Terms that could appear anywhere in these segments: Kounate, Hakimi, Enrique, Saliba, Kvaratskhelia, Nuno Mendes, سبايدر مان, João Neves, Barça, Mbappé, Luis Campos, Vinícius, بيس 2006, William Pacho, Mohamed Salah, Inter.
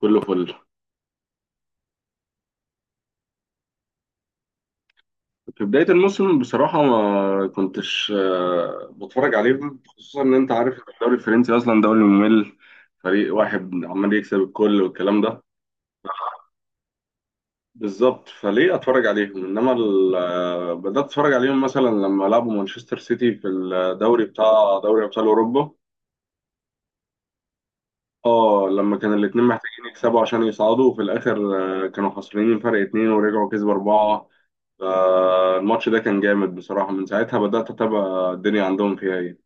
كله فل. في بداية الموسم بصراحة ما كنتش بتفرج عليهم، خصوصا إن أنت عارف الدوري الفرنسي أصلا دوري ممل، فريق واحد عمال يكسب الكل والكلام ده. بالظبط، فليه أتفرج عليهم؟ إنما بدأت أتفرج عليهم مثلا لما لعبوا مانشستر سيتي في الدوري بتاع دوري أبطال أوروبا. اه، لما كان الاتنين محتاجين يكسبوا عشان يصعدوا وفي الآخر كانوا خسرانين فرق اتنين ورجعوا كسبوا أربعة. فالماتش ده كان جامد بصراحة، من ساعتها بدأت أتابع الدنيا عندهم فيها إيه.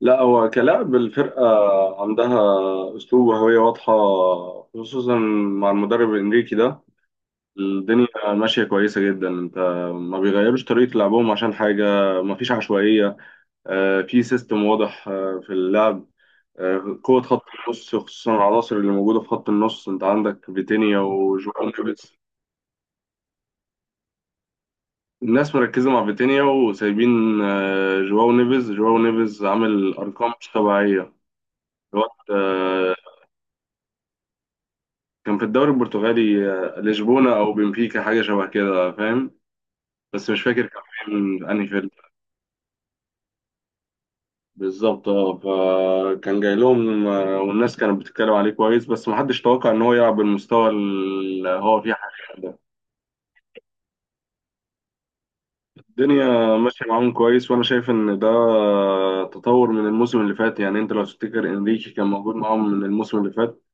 لا، هو كلاعب الفرقة عندها أسلوب وهوية واضحة، خصوصا مع المدرب إنريكي ده. الدنيا ماشية كويسة جدا. أنت ما بيغيروش طريقة لعبهم عشان حاجة، ما فيش عشوائية، في سيستم واضح في اللعب، قوة خط النص، خصوصا العناصر اللي موجودة في خط النص، أنت عندك فيتينيا وجوان. الناس مركزة مع فيتينيا وسايبين جواو نيفيز عامل أرقام مش طبيعية الوقت كان في الدوري البرتغالي، لشبونة أو بنفيكا، حاجة شبه كده فاهم، بس مش فاكر كان فين أنهي فيلم. بالظبط، اه، فكان جاي لهم، والناس كانت بتتكلم عليه كويس، بس محدش توقع إن هو يلعب بالمستوى اللي هو فيه حاليا ده. الدنيا ماشية معاهم كويس، وأنا شايف إن ده تطور من الموسم اللي فات. يعني أنت لو تفتكر إنريكي كان موجود معاهم من الموسم اللي فات،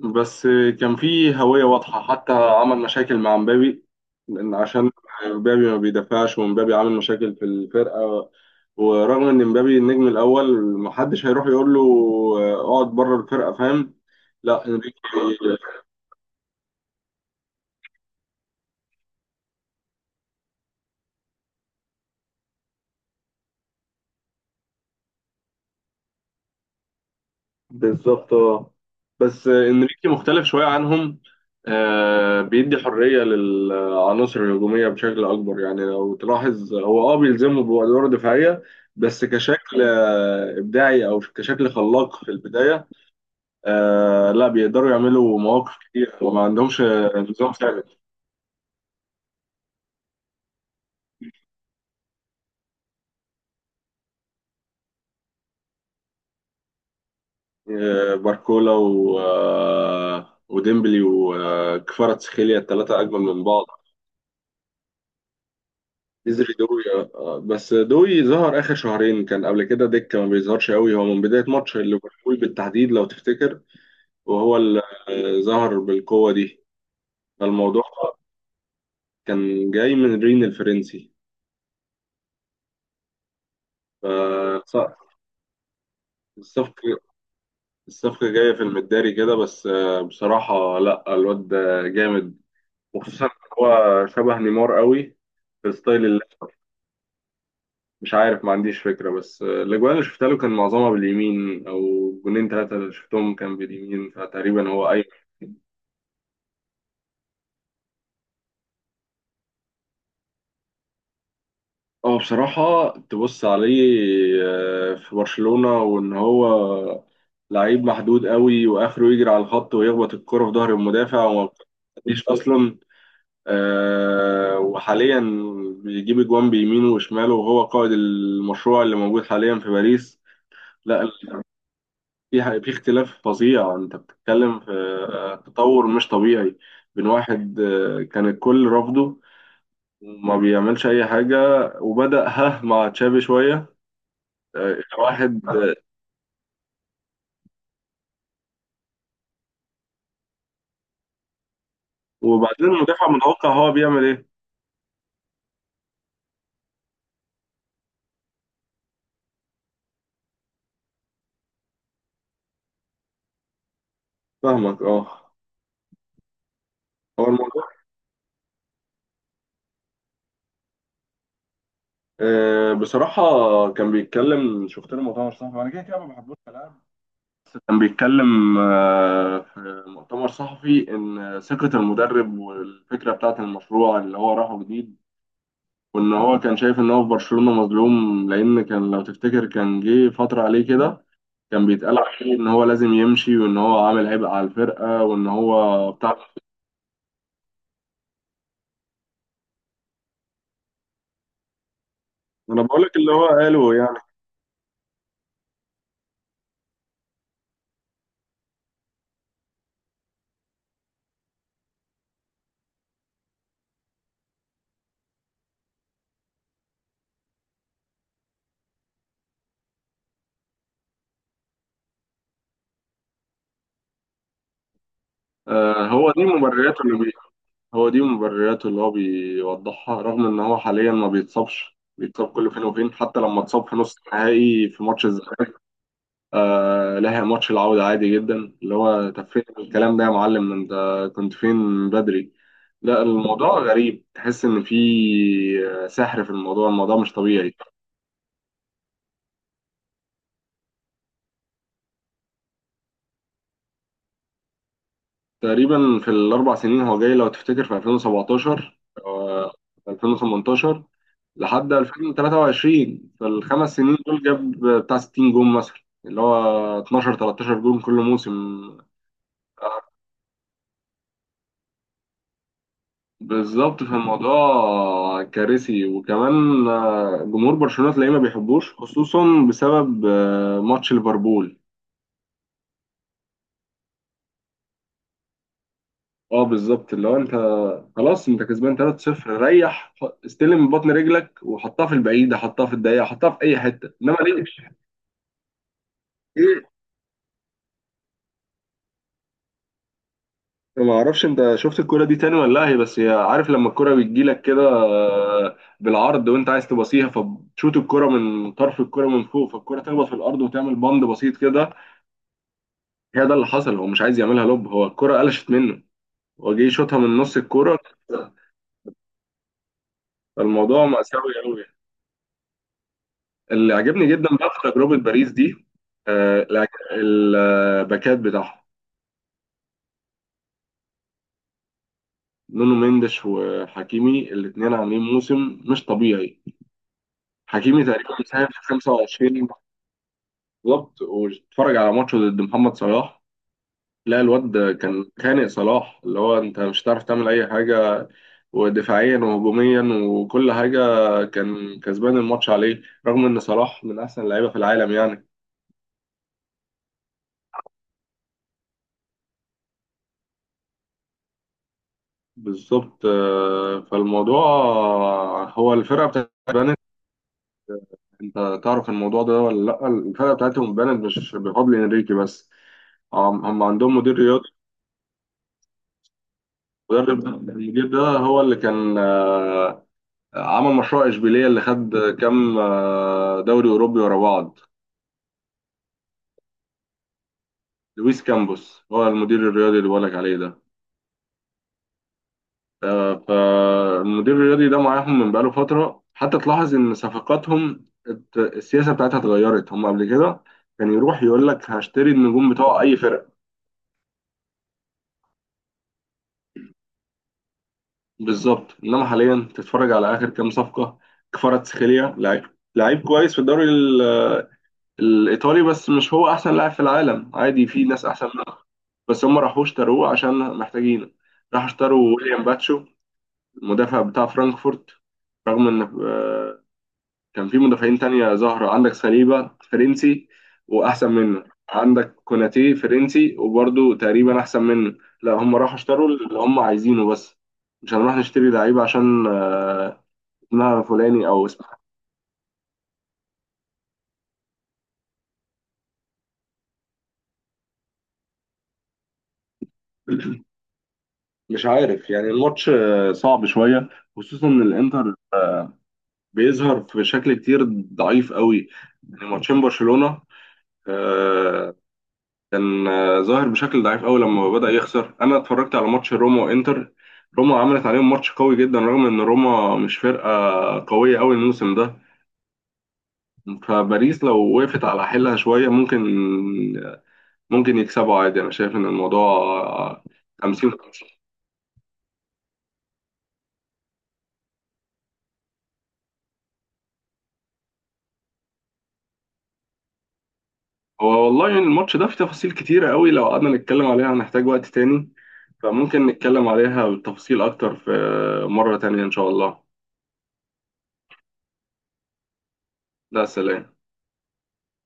بس كان في هوية واضحة، حتى عمل مشاكل مع مبابي لأن عشان مبابي ما بيدافعش، ومبابي عامل مشاكل في الفرقة، ورغم إن مبابي النجم الأول، محدش هيروح يقول له اقعد بره الفرقة فاهم. لا، إنريكي بالظبط اه، بس انريكي مختلف شويه عنهم، بيدي حريه للعناصر الهجوميه بشكل اكبر. يعني لو تلاحظ هو اه بيلزمه بادوار دفاعيه، بس كشكل ابداعي او كشكل خلاق في البدايه، لا بيقدروا يعملوا مواقف كتير وما عندهمش نظام ثابت. باركولا و آه وديمبلي وكفاراتسخيليا، الثلاثه اجمل من بعض. نزل دوي بس دوي ظهر اخر شهرين، كان قبل كده دكه ما بيظهرش قوي، هو من بدايه ماتش ليفربول بالتحديد لو تفتكر، وهو اللي ظهر بالقوه دي. فالموضوع كان جاي من رين الفرنسي، فالصفقه جايه في المداري كده، بس بصراحه لا الواد ده جامد، وخصوصا إن هو شبه نيمار قوي في ستايل اللعب. مش عارف، ما عنديش فكرة، بس الأجوان اللي شفتها له كان معظمها باليمين، أو جونين ثلاثة اللي شفتهم كان باليمين، فتقريبا هو أي. هو بصراحة تبص عليه في برشلونة، وإن هو لعيب محدود قوي، وآخره يجري على الخط ويخبط الكرة في ظهر المدافع، وما بتعديش أصلا. وحاليا بيجيب أجوان بيمينه وشماله، وهو قائد المشروع اللي موجود حاليا في باريس. لا، في اختلاف فظيع. انت بتتكلم في تطور مش طبيعي، بين واحد كان الكل رافضه وما بيعملش اي حاجه، وبدأ ها مع تشافي شويه، إلى واحد وبعدين المدافع متوقع هو بيعمل ايه. فاهمك اه. هو الموضوع بصراحه كان بيتكلم، شفت له مؤتمر صحفي، انا كده كده ما بحبوش كلاعب. كان بيتكلم في مؤتمر صحفي، ان ثقه المدرب والفكره بتاعت المشروع اللي هو راحه جديد، وان هو كان شايف ان هو في برشلونة مظلوم، لان كان لو تفتكر كان جه فترة عليه كده، كان بيتقال عليه ان هو لازم يمشي، وان هو عامل عبء على الفرقة، وان هو بتاع. انا بقول لك اللي هو قاله يعني. هو دي مبرراته اللي بي هو دي مبرراته اللي هو بيوضحها، رغم ان هو حاليا ما بيتصابش، بيتصاب كل فين وفين، حتى لما اتصاب في نص النهائي في ماتش الزمالك لها ماتش العودة عادي جدا. اللي هو طب فين الكلام ده يا معلم؟ انت كنت فين من بدري؟ لا، الموضوع غريب، تحس ان في سحر في الموضوع، الموضوع مش طبيعي. تقريبا في الاربع سنين، هو جاي لو تفتكر في 2017 آه، 2018 لحد 2023، في الخمس سنين دول جاب بتاع 60 جون مثلا، اللي هو 12 13 جون كل موسم. بالظبط، فالموضوع كارثي. وكمان جمهور برشلونة تلاقيه ما بيحبوش، خصوصا بسبب ماتش ليفربول. اه بالظبط، اللي هو انت خلاص انت كسبان 3-0، ريح، استلم من بطن رجلك وحطها في البعيدة، حطها في الضيقة، حطها في اي حتة، انما ليه؟ ايه. ما اعرفش انت شفت الكرة دي تاني ولا لا، هي بس هي عارف، لما الكرة بتجيلك كده بالعرض وانت عايز تباصيها، فبتشوت الكرة من طرف الكرة من فوق، فالكرة تخبط في الارض وتعمل بند بسيط كده. هي ده اللي حصل، هو مش عايز يعملها لوب، هو الكرة قلشت منه، هو جه يشوطها من نص الكرة. فالموضوع مأساوي قوي. اللي عجبني جدا بقى في تجربة باريس دي آه، الع- الباكات بتاعهم، نونو مينديش وحكيمي، الاثنين عاملين موسم مش طبيعي. حكيمي تقريبا مساهم في 25. بالظبط، واتفرج على ماتشه ضد محمد صلاح، لا الواد كان خانق صلاح، اللي هو انت مش هتعرف تعمل اي حاجة، ودفاعيا وهجوميا وكل حاجة، كان كسبان الماتش عليه، رغم إن صلاح من أحسن اللعيبة في العالم يعني. بالظبط فالموضوع، هو الفرقة بتاعت بنت، أنت تعرف الموضوع ده ولا لأ؟ الفرقة بتاعتهم بنت مش بفضل إنريكي بس، هم عندهم مدير رياضي، المدرب ده المدير ده هو اللي كان عمل مشروع إشبيلية، اللي خد كام دوري أوروبي ورا بعض. لويس كامبوس، هو المدير الرياضي اللي بقولك عليه ده. فالمدير الرياضي ده معاهم من بقاله فترة، حتى تلاحظ إن صفقاتهم السياسة بتاعتها اتغيرت. هم قبل كده كان يروح يقول لك هشتري النجوم بتوع أي فرقة، بالظبط. إنما حاليا تتفرج على آخر كام صفقة، كفاراتسخيليا لعيب، لعيب كويس في الإيطالي، بس مش هو أحسن لاعب في العالم، عادي في ناس أحسن منه، بس هم راحوش اشتروه عشان محتاجينه. راحوا اشتروا ويليام باتشو المدافع بتاع فرانكفورت، رغم إن كان في مدافعين تانية ظاهرة، عندك ساليبا فرنسي وأحسن منه، عندك كوناتي فرنسي وبرضه تقريبا أحسن منه، لا هم راحوا اشتروا اللي هم عايزينه بس، مش هنروح نشتري لعيبة عشان اسمها فلاني أو اسمها. مش عارف، يعني الماتش صعب شوية، خصوصا إن الإنتر بيظهر في شكل كتير ضعيف قوي، يعني ماتشين برشلونة آه، كان ظاهر بشكل ضعيف قوي لما بدأ يخسر. انا اتفرجت على ماتش روما وانتر، روما عملت عليهم ماتش قوي جدا، رغم ان روما مش فرقة قوية قوي الموسم ده. فباريس لو وقفت على حيلها شوية ممكن، ممكن يكسبوا عادي. انا شايف ان الموضوع 50. هو والله يعني الماتش ده فيه تفاصيل كتيرة قوي، لو قعدنا نتكلم عليها هنحتاج وقت تاني، فممكن نتكلم عليها بالتفصيل اكتر في مرة تانية ان شاء الله. ده، سلام.